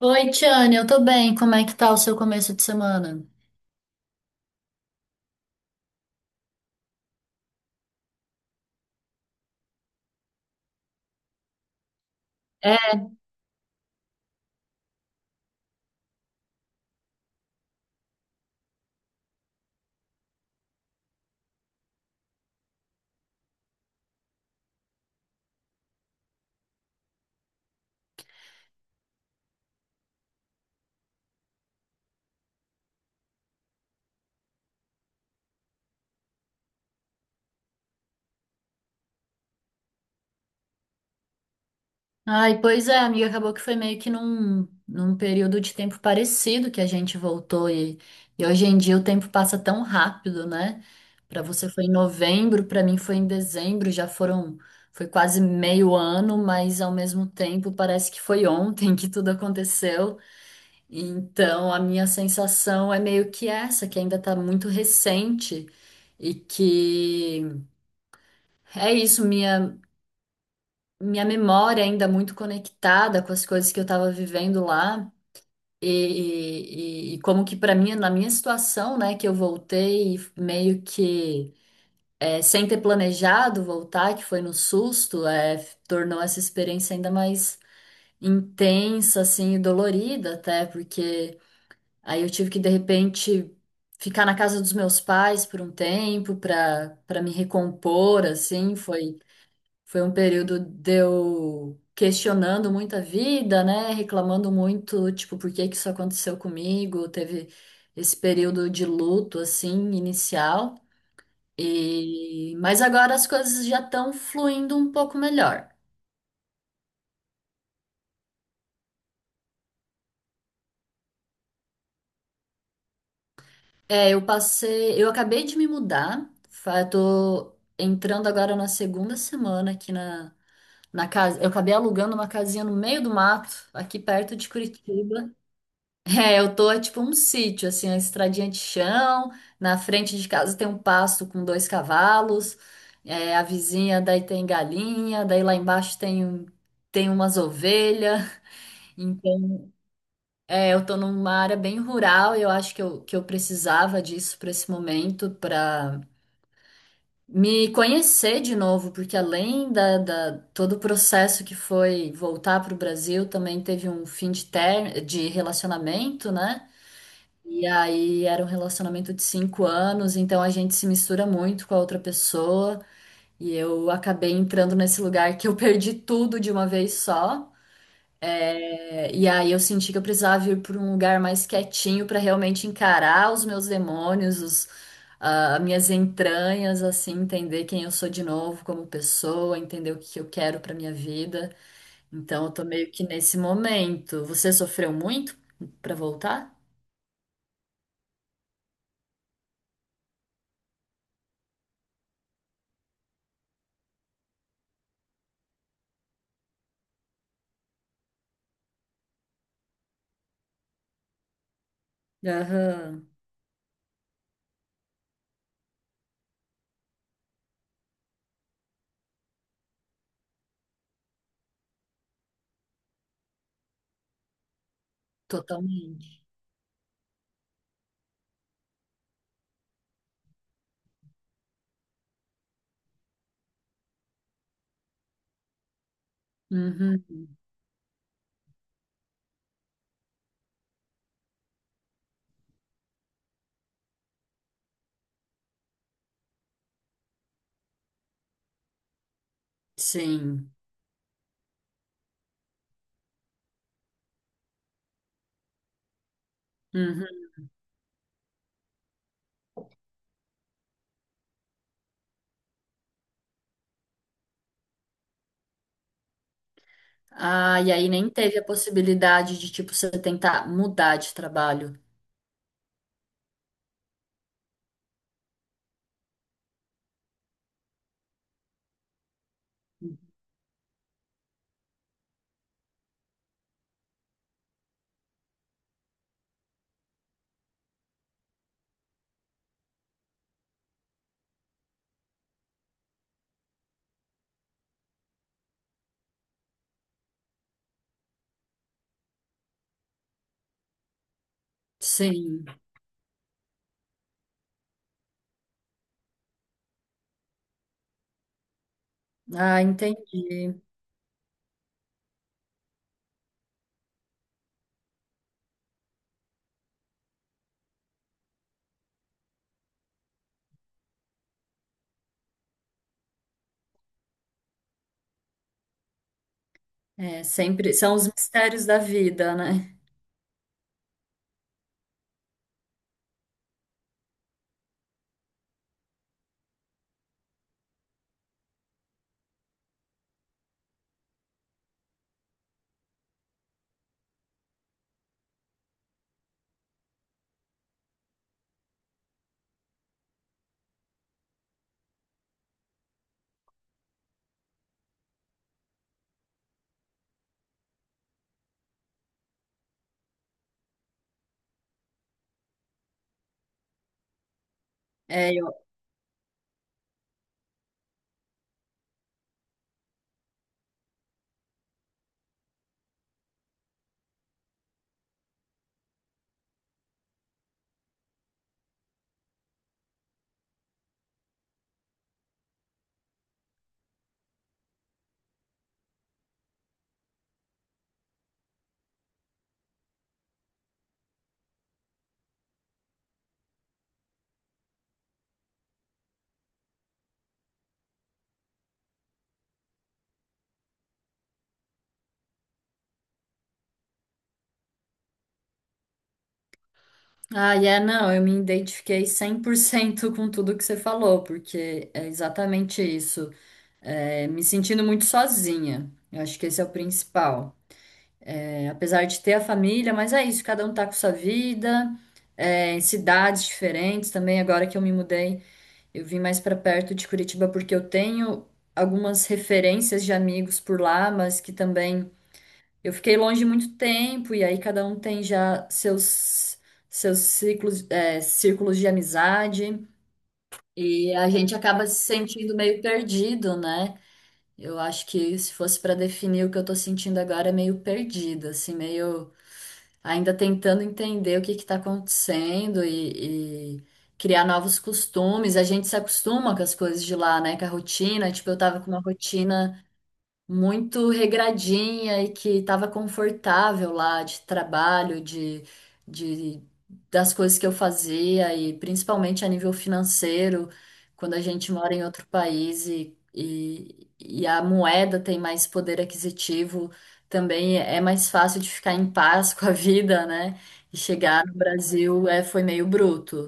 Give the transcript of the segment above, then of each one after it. Oi, Tiane, eu tô bem. Como é que tá o seu começo de semana? É. Ai, pois é, amiga, acabou que foi meio que num período de tempo parecido que a gente voltou e hoje em dia o tempo passa tão rápido, né? Pra você foi em novembro, pra mim foi em dezembro, foi quase meio ano, mas ao mesmo tempo parece que foi ontem que tudo aconteceu. Então a minha sensação é meio que essa, que ainda tá muito recente. E que É isso, minha memória é ainda muito conectada com as coisas que eu estava vivendo lá. E como que para mim, na minha situação, né, que eu voltei meio que sem ter planejado voltar, que foi no susto, tornou essa experiência ainda mais intensa, assim, e dolorida até, porque aí eu tive que, de repente, ficar na casa dos meus pais por um tempo para me recompor, assim. Foi um período de eu questionando muito a vida, né? Reclamando muito, tipo, por que que isso aconteceu comigo? Teve esse período de luto, assim, inicial. Mas agora as coisas já estão fluindo um pouco melhor. É, eu acabei de me mudar, eu tô entrando agora na segunda semana aqui na casa. Eu acabei alugando uma casinha no meio do mato, aqui perto de Curitiba. É, eu tô tipo um sítio, assim, a estradinha de chão. Na frente de casa tem um pasto com dois cavalos. A vizinha daí tem galinha, daí lá embaixo tem umas ovelhas. Então, eu tô numa área bem rural e eu acho que eu precisava disso para esse momento, para me conhecer de novo, porque além todo o processo que foi voltar para o Brasil, também teve um fim de de relacionamento, né? E aí era um relacionamento de 5 anos, então a gente se mistura muito com a outra pessoa. E eu acabei entrando nesse lugar que eu perdi tudo de uma vez só. E aí eu senti que eu precisava ir para um lugar mais quietinho para realmente encarar os meus demônios, minhas entranhas, assim, entender quem eu sou de novo como pessoa, entender o que que eu quero para minha vida. Então eu tô meio que nesse momento. Você sofreu muito para voltar? Aham, totalmente. Uhum, sim. Uhum. Ah, e aí nem teve a possibilidade de, tipo, você tentar mudar de trabalho. Sim. Ah, entendi. É, sempre são os mistérios da vida, né? É, eu... Ah, não, eu me identifiquei 100% com tudo que você falou, porque é exatamente isso. É, me sentindo muito sozinha. Eu acho que esse é o principal. É, apesar de ter a família, mas é isso, cada um tá com sua vida, em cidades diferentes também, agora que eu me mudei. Eu vim mais para perto de Curitiba porque eu tenho algumas referências de amigos por lá, mas que também eu fiquei longe muito tempo e aí cada um tem já seus círculos de amizade e a gente acaba se sentindo meio perdido, né? Eu acho que se fosse para definir o que eu tô sentindo agora é meio perdida, assim, meio ainda tentando entender o que está acontecendo e criar novos costumes. A gente se acostuma com as coisas de lá, né? Com a rotina. Tipo, eu tava com uma rotina muito regradinha e que estava confortável lá de trabalho, de das coisas que eu fazia e principalmente a nível financeiro, quando a gente mora em outro país e a moeda tem mais poder aquisitivo, também é mais fácil de ficar em paz com a vida, né? E chegar no Brasil foi meio bruto.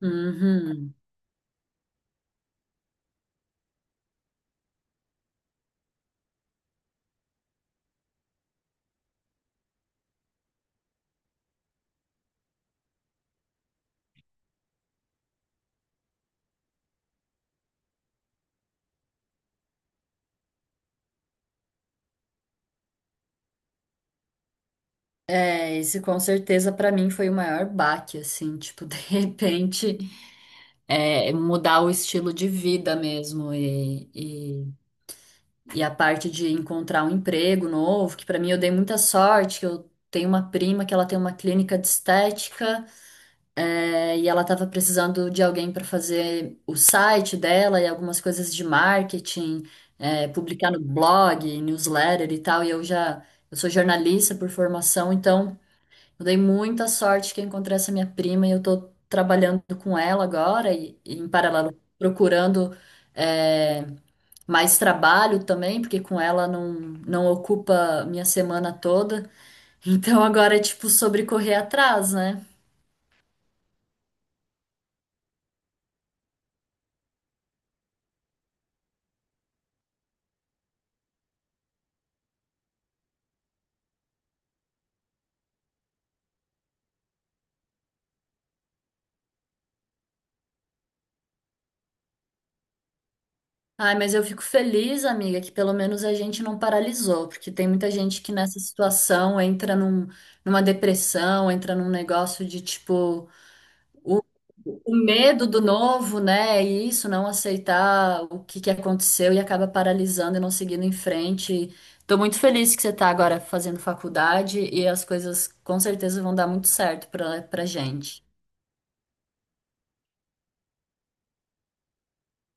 Uhum. É, esse com certeza para mim foi o maior baque, assim, tipo, de repente. Mudar o estilo de vida mesmo e a parte de encontrar um emprego novo, que para mim eu dei muita sorte, que eu tenho uma prima que ela tem uma clínica de estética, e ela estava precisando de alguém para fazer o site dela e algumas coisas de marketing, publicar no blog, newsletter e tal, eu sou jornalista por formação, então eu dei muita sorte que eu encontrei essa minha prima e eu tô trabalhando com ela agora e em paralelo procurando é, mais trabalho também, porque com ela não ocupa minha semana toda. Então agora é tipo sobre correr atrás, né? Ai, mas eu fico feliz, amiga, que pelo menos a gente não paralisou, porque tem muita gente que nessa situação entra numa depressão, entra num negócio de tipo. O, o medo do novo, né? E isso, não aceitar o que que aconteceu e acaba paralisando e não seguindo em frente. Tô muito feliz que você tá agora fazendo faculdade e as coisas com certeza vão dar muito certo pra gente.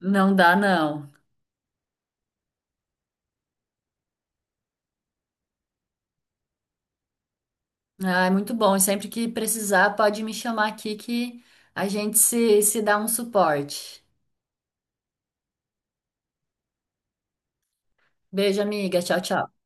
Não dá, não. Ah, é muito bom. E sempre que precisar, pode me chamar aqui que a gente se dá um suporte. Beijo, amiga. Tchau, tchau.